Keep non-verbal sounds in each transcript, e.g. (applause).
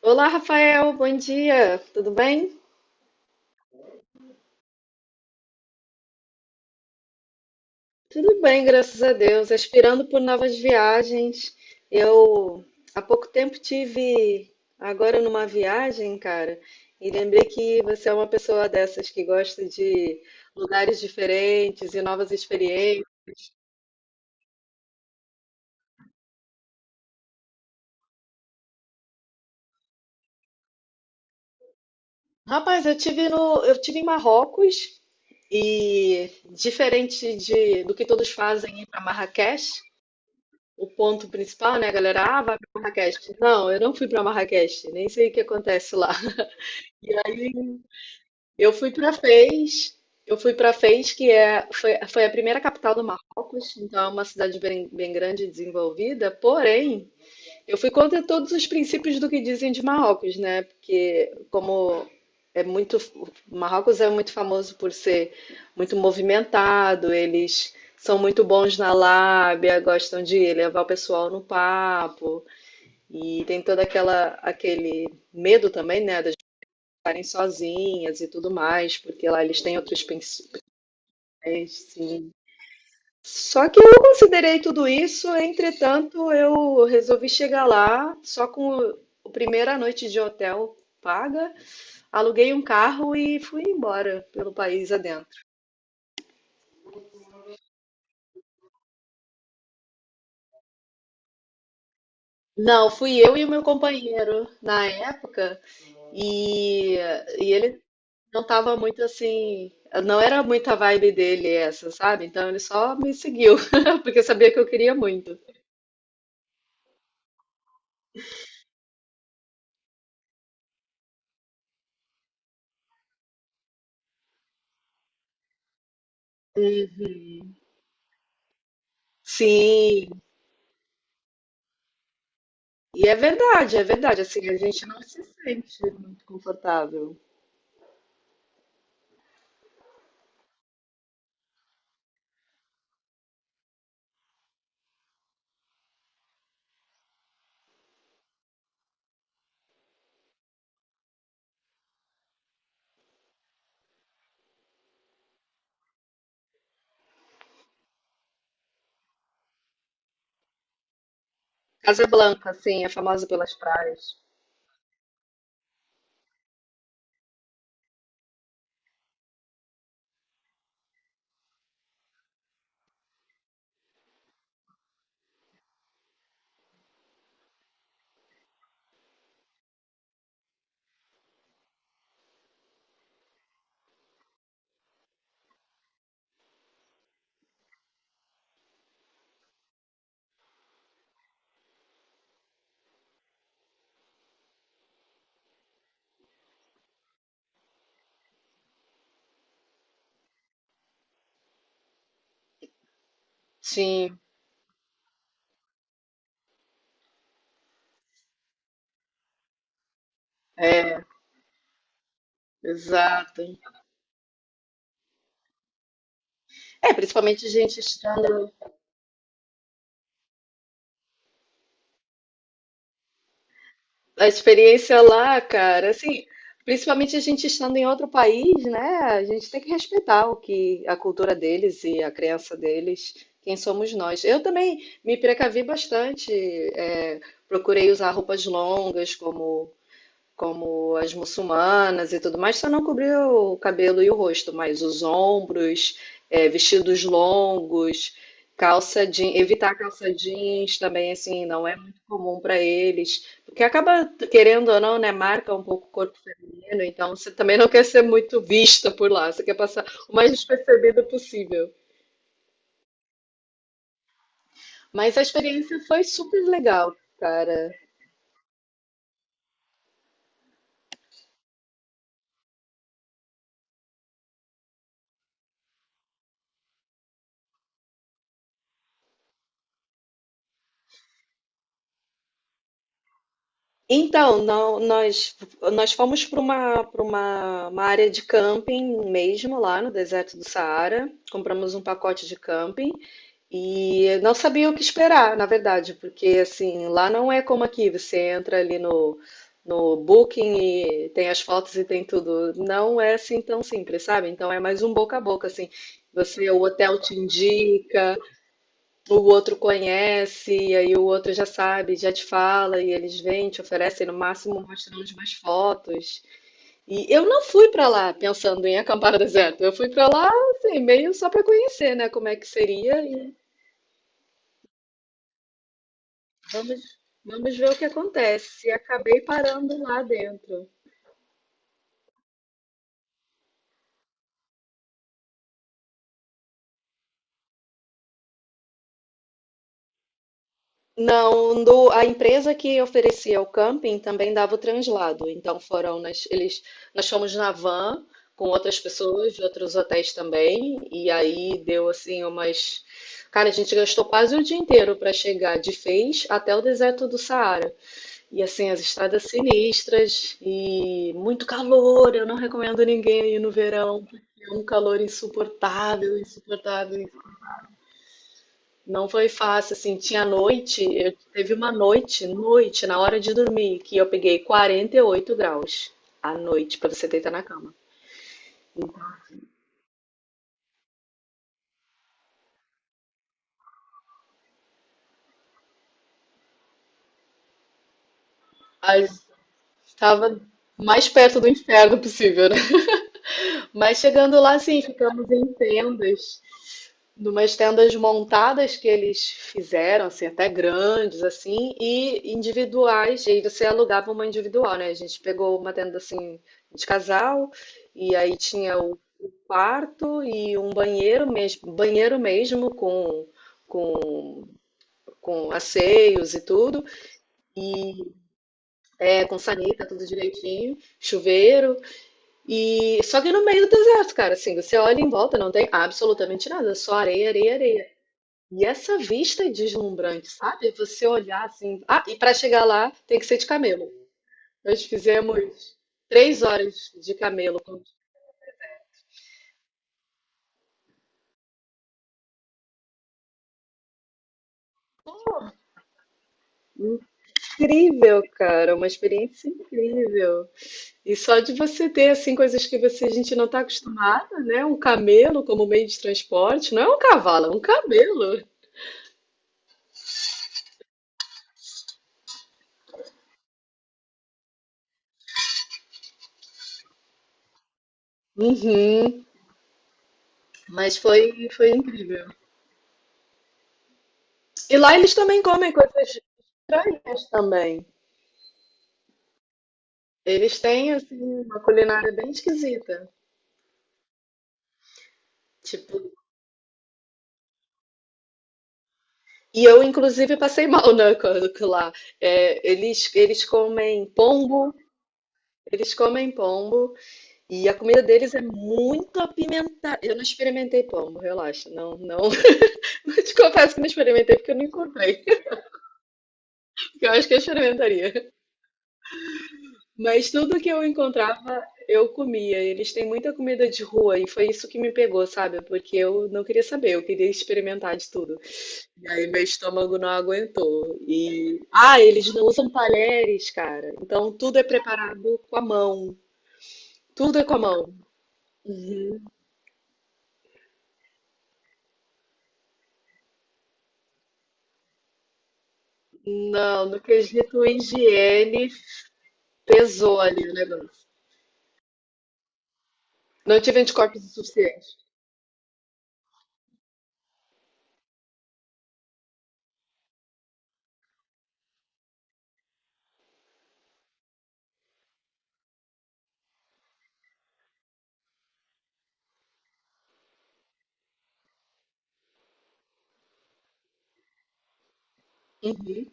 Olá, Rafael, bom dia, tudo bem? Tudo bem, graças a Deus. Aspirando por novas viagens. Eu há pouco tempo tive agora numa viagem, cara, e lembrei que você é uma pessoa dessas que gosta de lugares diferentes e novas experiências. Rapaz, eu tive no, eu tive em Marrocos e diferente do que todos fazem ir para Marrakech. O ponto principal, né, galera? Ah, vai para Marrakech. Não, eu não fui para Marrakech, nem sei o que acontece lá. (laughs) E aí eu fui para Fez, eu fui para Fez, foi a primeira capital do Marrocos, então é uma cidade bem grande e desenvolvida, porém eu fui contra todos os princípios do que dizem de Marrocos, né? Porque é muito, Marrocos é muito famoso por ser muito movimentado, eles são muito bons na lábia, gostam de levar o pessoal no papo e tem toda aquela aquele medo também, né, das pessoas ficarem sozinhas e tudo mais, porque lá eles têm outros princípios, só que eu considerei tudo isso, entretanto, eu resolvi chegar lá só com a primeira noite de hotel paga, aluguei um carro e fui embora pelo país adentro. Não, fui eu e o meu companheiro na época e, e ele não estava muito assim, não era muita vibe dele essa, sabe? Então ele só me seguiu, (laughs) porque sabia que eu queria muito. Sim. E é verdade, é verdade. Assim, a gente não se sente muito confortável. Casablanca, assim, é famosa pelas praias. Sim, é, exato. É, principalmente a gente estando. A experiência lá, cara, assim, principalmente a gente estando em outro país, né? A gente tem que respeitar o que a cultura deles e a crença deles, quem somos nós. Eu também me precavi bastante, é, procurei usar roupas longas, como como as muçulmanas e tudo mais, só não cobriu o cabelo e o rosto, mas os ombros, é, vestidos longos, evitar calça jeans também, assim, não é muito comum para eles, porque acaba, querendo ou não, né, marca um pouco o corpo feminino, então você também não quer ser muito vista por lá, você quer passar o mais despercebido possível. Mas a experiência foi super legal, cara. Então, não- nós, nós fomos uma área de camping mesmo, lá no deserto do Saara. Compramos um pacote de camping e não sabia o que esperar, na verdade, porque assim, lá não é como aqui, você entra ali no, no Booking e tem as fotos e tem tudo. Não é assim tão simples, sabe? Então é mais um boca a boca, assim. Você, o hotel te indica, o outro conhece, e aí o outro já sabe, já te fala, e eles vêm, te oferecem, no máximo mostram umas fotos. E eu não fui pra lá pensando em acampar (laughs) no deserto. Eu fui pra lá, assim, meio só pra conhecer, né, como é que seria, e vamos, vamos ver o que acontece. E acabei parando lá dentro. Não, a empresa que oferecia o camping também dava o translado. Então foram nós, eles, nós fomos na van com outras pessoas de outros hotéis também. E aí deu assim umas. Cara, a gente gastou quase o dia inteiro para chegar de Fez até o deserto do Saara. E assim, as estradas sinistras e muito calor. Eu não recomendo ninguém ir no verão, porque é um calor insuportável, insuportável, não foi fácil, assim, tinha noite, teve uma noite, na hora de dormir, que eu peguei 48 graus à noite pra você deitar na cama. Mas estava mais perto do inferno possível, né? Mas chegando lá, sim, ficamos em tendas, numas tendas montadas que eles fizeram, assim, até grandes, assim, e individuais. E aí você alugava uma individual, né? A gente pegou uma tenda, assim, de casal, e aí tinha o quarto e um banheiro mesmo, com, com asseios e tudo, e é com sanita, tudo direitinho, chuveiro, e só que no meio do deserto, cara, assim, você olha em volta, não tem absolutamente nada, só areia, areia, areia. E essa vista é deslumbrante, sabe? Você olhar assim, ah, e para chegar lá tem que ser de camelo. Nós fizemos 3 horas de camelo. Incrível, cara, uma experiência incrível. E só de você ter assim coisas que você, a gente não está acostumada, né? Um camelo como meio de transporte, não é um cavalo, é um camelo. Uhum. Mas foi incrível. E lá eles também comem coisas estranhas também. Eles têm assim uma culinária bem esquisita. Tipo, e eu inclusive passei mal, né, (laughs) lá. É, eles comem pombo, eles comem pombo e a comida deles é muito apimentada. Eu não experimentei pombo, relaxa, não eu te confesso que não experimentei porque eu não encontrei. (laughs) Eu acho que eu experimentaria. Mas tudo que eu encontrava, eu comia. Eles têm muita comida de rua e foi isso que me pegou, sabe? Porque eu não queria saber, eu queria experimentar de tudo. E aí meu estômago não aguentou. E ah, eles não usam talheres, cara. Então tudo é preparado com a mão. Tudo é com a mão. Uhum. Não, no quesito higiene, pesou ali o negócio. Não tive anticorpos o suficiente. Uhum.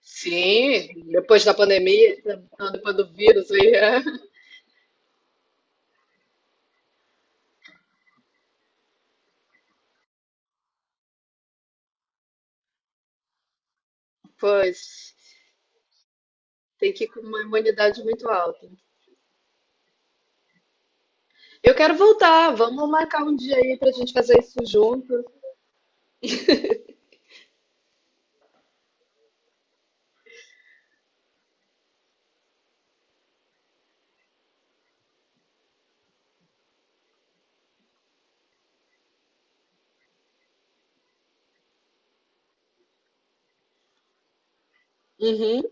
Sim, depois da pandemia, não, depois do vírus aí, é. Pois, tem que ir com uma imunidade muito alta. Eu quero voltar, vamos marcar um dia aí pra gente fazer isso junto. Uhum,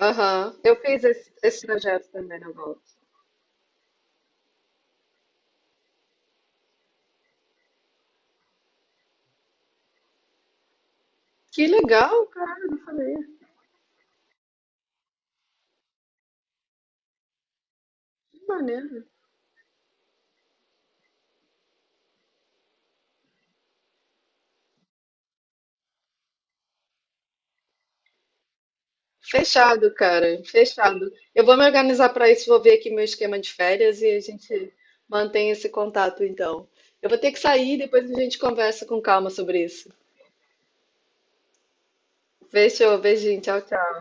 aham. Eu fiz esse projeto também na volta. Que legal, caralho, não falei. Que maneiro. Fechado, cara, fechado. Eu vou me organizar para isso, vou ver aqui meu esquema de férias e a gente mantém esse contato então. Eu vou ter que sair, depois a gente conversa com calma sobre isso. Fechou, beijinho, tchau, tchau.